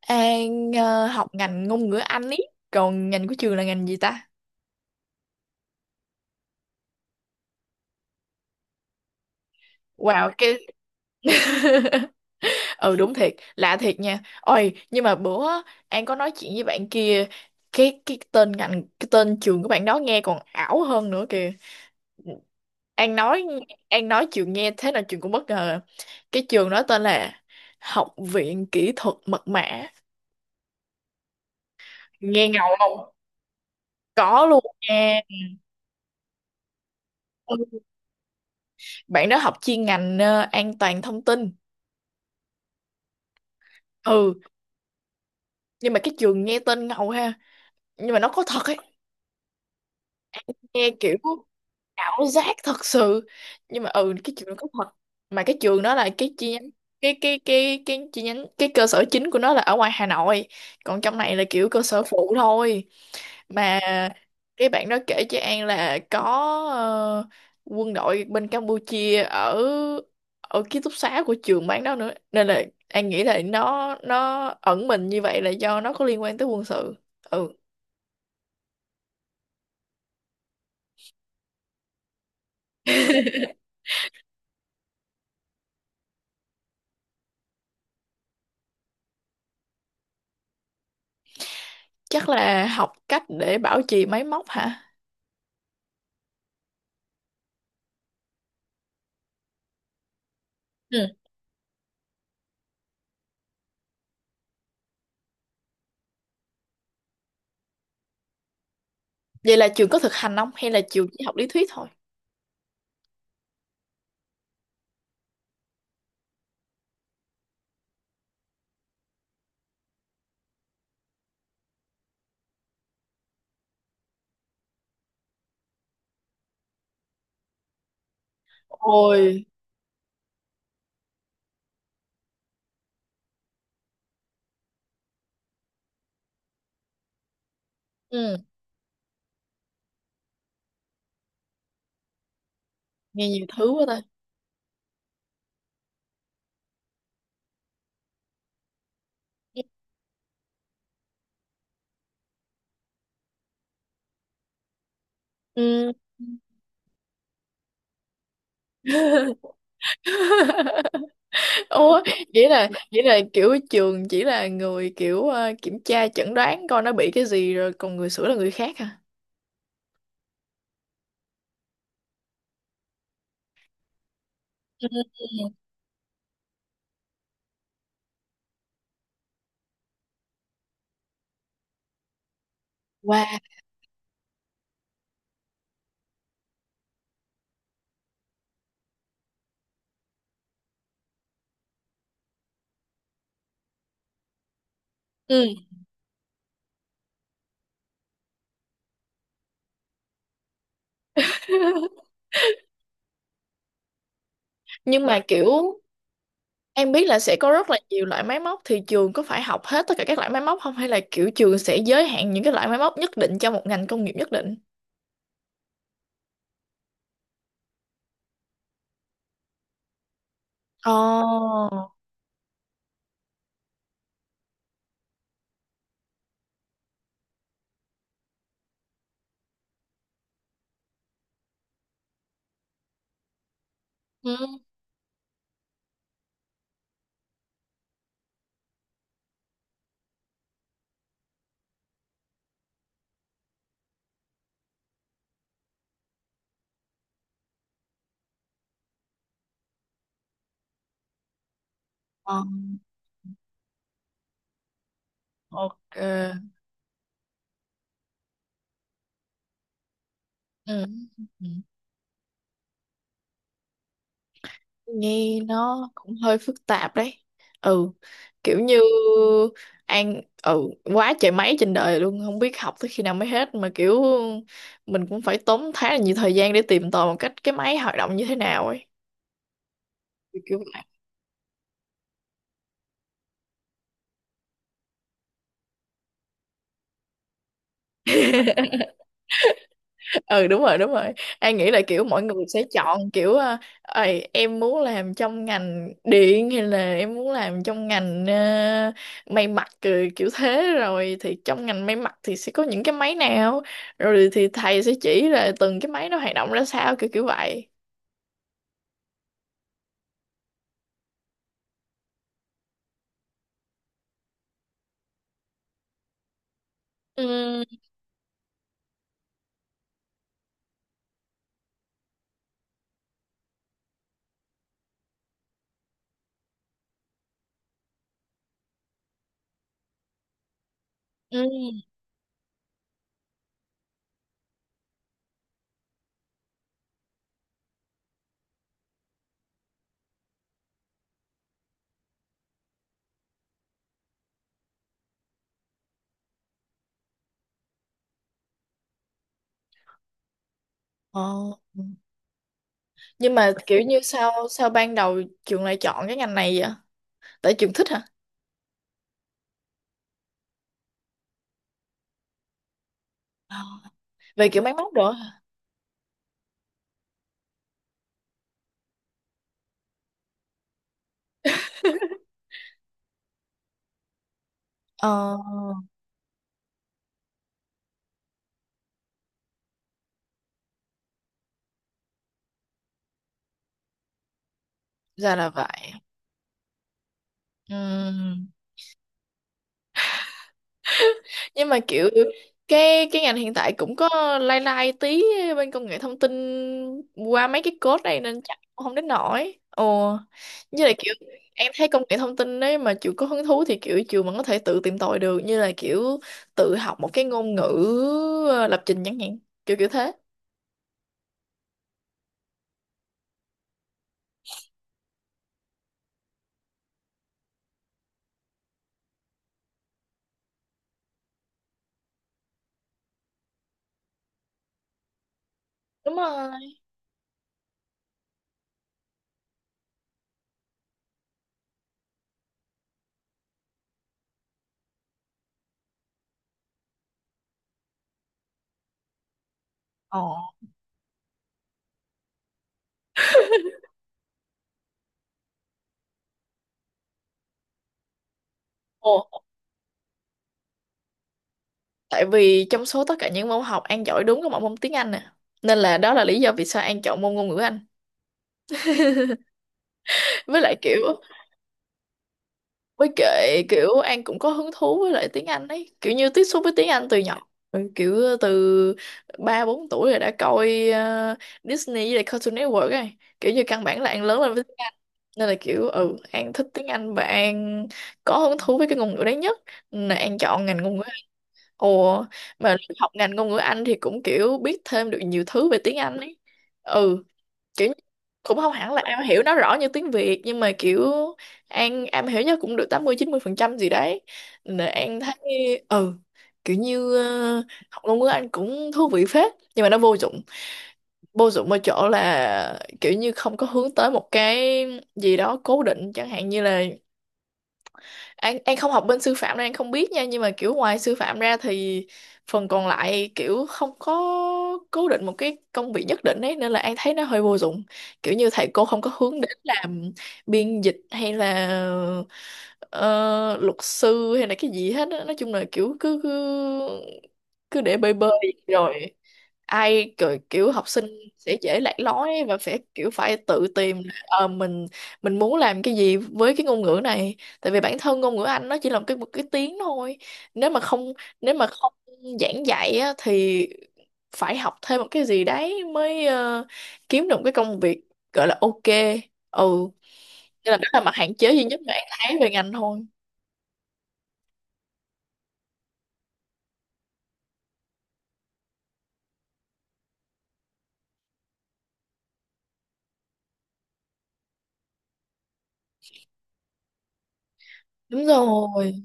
An học ngành ngôn ngữ Anh ý. Còn ngành của trường là ngành gì ta? Wow, Ừ, đúng thiệt. Lạ thiệt nha. Ôi, nhưng mà bữa á, An có nói chuyện với bạn kia. Cái tên ngành. Cái tên trường của bạn đó nghe còn ảo hơn nữa kìa. An nói. An nói trường nghe thế nào trường cũng bất ngờ. Cái trường đó tên là Học viện Kỹ thuật Mật mã. Nghe ngầu không? Có luôn nha. Ừ. Bạn đó học chuyên ngành an toàn thông tin. Ừ, nhưng mà cái trường nghe tên ngầu ha, nhưng mà nó có thật ấy. Nghe kiểu ảo giác thật sự, nhưng mà ừ, cái trường nó có thật. Mà cái trường đó là cái chi nhánh. Cái cơ sở chính của nó là ở ngoài Hà Nội, còn trong này là kiểu cơ sở phụ thôi. Mà cái bạn đó kể cho An là có, ờ, quân đội bên Campuchia ở, ở ký túc xá của trường bán đó nữa, nên là An nghĩ là nó ẩn mình như vậy là do nó có liên quan tới quân sự. Ừ. Chắc là học cách để bảo trì máy móc hả? Ừ. Vậy là trường có thực hành không? Hay là trường chỉ học lý thuyết thôi? Ôi, ừ. Nghe nhiều thứ quá ta. Ừ. Ủa, nghĩa là kiểu trường chỉ là người kiểu, kiểm tra chẩn đoán coi nó bị cái gì, rồi còn người sửa là người khác hả? Ừ. Wow. Ừ. Nhưng mà kiểu, em biết là sẽ có rất là nhiều loại máy móc, thì trường có phải học hết tất cả các loại máy móc không, hay là kiểu trường sẽ giới hạn những cái loại máy móc nhất định cho một ngành công nghiệp nhất định? Ồ. Ừ. Ờ, ok. Ừ, ừ. Nghe nó cũng hơi phức tạp đấy. Ừ. Kiểu như An ừ quá trời máy trên đời luôn, không biết học tới khi nào mới hết, mà kiểu mình cũng phải tốn khá là nhiều thời gian để tìm tòi một cách cái máy hoạt động như thế nào ấy. Kiểu kiểu ừ, đúng rồi, đúng rồi. An nghĩ là kiểu mọi người sẽ chọn kiểu, "Ầy, em muốn làm trong ngành điện hay là em muốn làm trong ngành may mặc," ừ, kiểu thế. Rồi thì trong ngành may mặc thì sẽ có những cái máy nào, rồi thì thầy sẽ chỉ là từng cái máy nó hoạt động ra sao, kiểu kiểu vậy. Ừ, ừ, ờ. Nhưng mà kiểu như sao sao ban đầu trường lại chọn cái ngành này vậy? Tại trường thích hả? Ờ, về kiểu máy móc rồi hả? Ờ, ra là vậy. Ừ, nhưng mà kiểu cái ngành hiện tại cũng có lai lai tí bên công nghệ thông tin qua mấy cái code này, nên chắc cũng không đến nổi ồ, như là kiểu em thấy công nghệ thông tin đấy, mà chịu có hứng thú thì kiểu chịu mà có thể tự tìm tòi được, như là kiểu tự học một cái ngôn ngữ lập trình chẳng hạn, kiểu kiểu thế. Đúng rồi. Ồ. Ồ, tại vì trong số tất cả những môn học An giỏi đúng có một môn tiếng Anh nè, nên là đó là lý do vì sao An chọn môn ngôn ngữ Anh. Với lại kiểu, với kệ kiểu An cũng có hứng thú với lại tiếng Anh ấy, kiểu như tiếp xúc với tiếng Anh từ nhỏ. Ừ, kiểu từ 3 4 tuổi rồi đã coi Disney với lại Cartoon Network rồi. Kiểu như căn bản là An lớn lên với tiếng Anh, nên là kiểu ừ, An thích tiếng Anh và An có hứng thú với cái ngôn ngữ đấy nhất, nên là An chọn ngành ngôn ngữ Anh. Ồ. Mà học ngành ngôn ngữ Anh thì cũng kiểu biết thêm được nhiều thứ về tiếng Anh ấy. Ừ, kiểu như, cũng không hẳn là am hiểu nó rõ như tiếng Việt, nhưng mà kiểu An am hiểu nhất cũng được 80 90% gì đấy. Nên An thấy ừ, kiểu như học ngôn ngữ Anh cũng thú vị phết, nhưng mà nó vô dụng. Vô dụng ở chỗ là kiểu như không có hướng tới một cái gì đó cố định, chẳng hạn như là An không học bên sư phạm nên An không biết nha, nhưng mà kiểu ngoài sư phạm ra thì phần còn lại kiểu không có cố định một cái công việc nhất định ấy, nên là An thấy nó hơi vô dụng. Kiểu như thầy cô không có hướng đến làm biên dịch hay là luật sư hay là cái gì hết á. Nói chung là kiểu cứ cứ cứ để bơi bơi rồi ai kiểu, kiểu học sinh sẽ dễ lạc lối và phải kiểu phải tự tìm là, mình muốn làm cái gì với cái ngôn ngữ này. Tại vì bản thân ngôn ngữ Anh nó chỉ là một cái tiếng thôi. Nếu mà không nếu mà không giảng dạy á, thì phải học thêm một cái gì đấy mới kiếm được một cái công việc gọi là ok. Ừ, nên là đó là mặt hạn chế duy nhất mà An thấy về ngành thôi. Đúng rồi.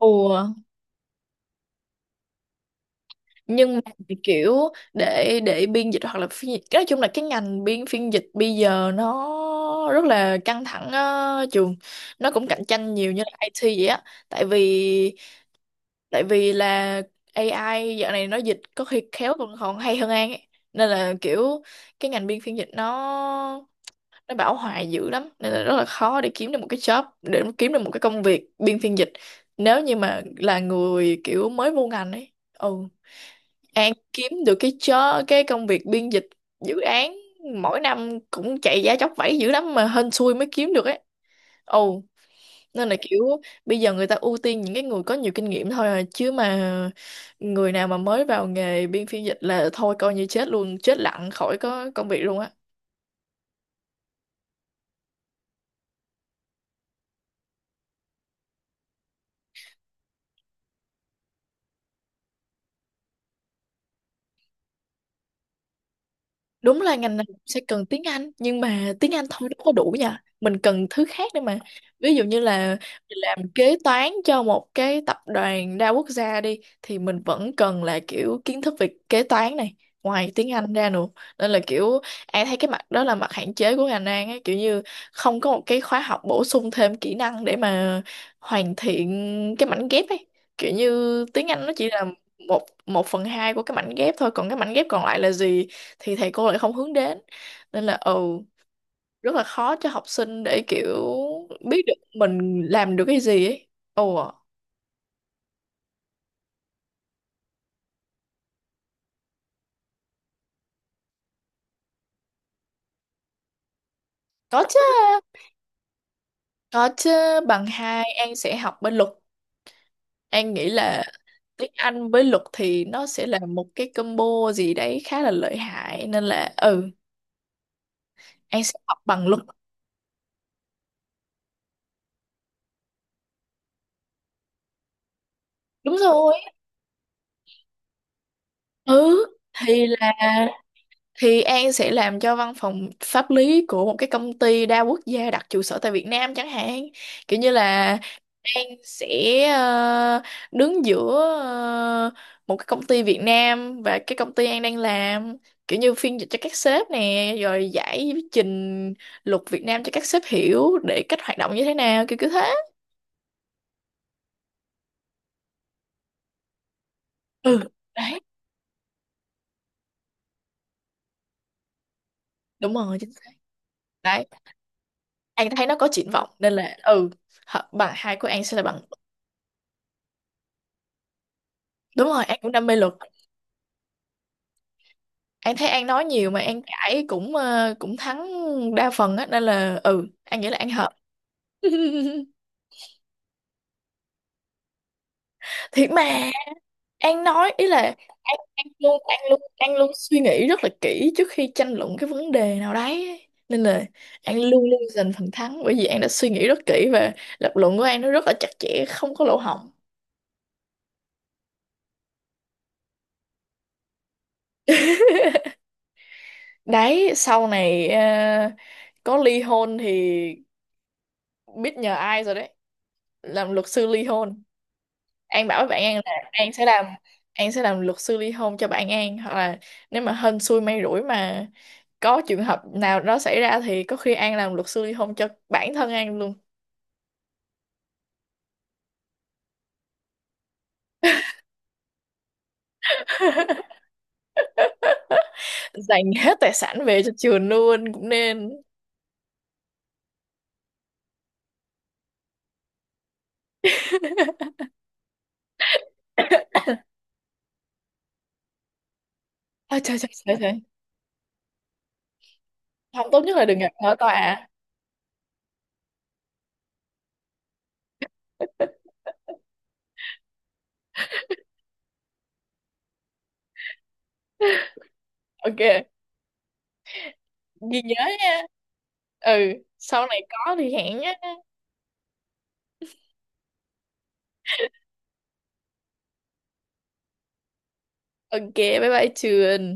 Ủa, nhưng mà thì kiểu, để biên dịch hoặc là phiên dịch, nói chung là cái ngành biên phiên dịch bây giờ nó rất là căng thẳng á, trường. Nó cũng cạnh tranh nhiều như là IT vậy á. Tại vì tại vì là AI dạo này nó dịch có khi khéo còn còn hay hơn An ấy. Nên là kiểu cái ngành biên phiên dịch nó bão hòa dữ lắm, nên là rất là khó để kiếm được một cái job, để kiếm được một cái công việc biên phiên dịch nếu như mà là người kiểu mới vô ngành ấy. Ừ, An kiếm được cái job, cái công việc biên dịch dự án mỗi năm cũng chạy giá chóc vẫy dữ lắm, mà hên xui mới kiếm được ấy. Ồ, nên là kiểu bây giờ người ta ưu tiên những cái người có nhiều kinh nghiệm thôi à, chứ mà người nào mà mới vào nghề biên phiên dịch là thôi coi như chết luôn, chết lặng khỏi có công việc luôn á. Đúng là ngành này sẽ cần tiếng Anh, nhưng mà tiếng Anh thôi đâu có đủ nha, mình cần thứ khác nữa mà. Ví dụ như là mình làm kế toán cho một cái tập đoàn đa quốc gia đi, thì mình vẫn cần là kiểu kiến thức về kế toán này, ngoài tiếng Anh ra nữa. Nên là kiểu An thấy cái mặt đó là mặt hạn chế của ngành An ấy, kiểu như không có một cái khóa học bổ sung thêm kỹ năng để mà hoàn thiện cái mảnh ghép ấy. Kiểu như tiếng Anh nó chỉ là một 1/2 của cái mảnh ghép thôi, còn cái mảnh ghép còn lại là gì thì thầy cô lại không hướng đến, nên là ừ, rất là khó cho học sinh để kiểu biết được mình làm được cái gì ấy. Ồ, có chứ. Có chứ. Bằng 2 An sẽ học bên luật. An nghĩ là tiếng Anh với luật thì nó sẽ là một cái combo gì đấy khá là lợi hại, nên là ừ, An sẽ học bằng luật. Đúng rồi. Ừ, thì là, thì An sẽ làm cho văn phòng pháp lý của một cái công ty đa quốc gia đặt trụ sở tại Việt Nam chẳng hạn. Kiểu như là An sẽ ờ, đứng giữa, ờ, một cái công ty Việt Nam và cái công ty An đang làm, kiểu như phiên dịch cho các sếp nè, rồi giải trình luật Việt Nam cho các sếp hiểu để cách hoạt động như thế nào, kiểu kiểu thế. Ừ, đấy. Đúng rồi, chính xác. Đấy, An thấy nó có triển vọng, nên là ừ, hợp- bằng 2 của An sẽ là bằng. Đúng rồi, An cũng đam mê luật. An thấy An nói nhiều mà An cãi cũng cũng thắng đa phần á, nên là ừ, An nghĩ là An hợp. Thiệt mà. An nói ý là An luôn suy nghĩ rất là kỹ trước khi tranh luận cái vấn đề nào đấy ấy. Nên là An luôn luôn giành phần thắng, bởi vì An đã suy nghĩ rất kỹ và lập luận của An nó rất là chặt chẽ, không có lỗ hổng. Đấy, sau này có ly hôn thì biết nhờ ai rồi đấy. Làm luật sư ly hôn. An bảo với bạn An là An sẽ làm. An sẽ làm luật sư ly hôn cho bạn An, hoặc là nếu mà hên xui may rủi mà có trường hợp nào đó xảy ra thì có khi An làm luật sư ly hôn cho bản thân An luôn. Dành hết tài sản về cho trường luôn cũng nên. Ôi trời, trời, trời, trời. Không, tốt nhất là đừng gặp ở tòa ạ. Ok, ghi nhớ nha. Ừ, sau này có thì hẹn nhé. Ok, bye bye trường.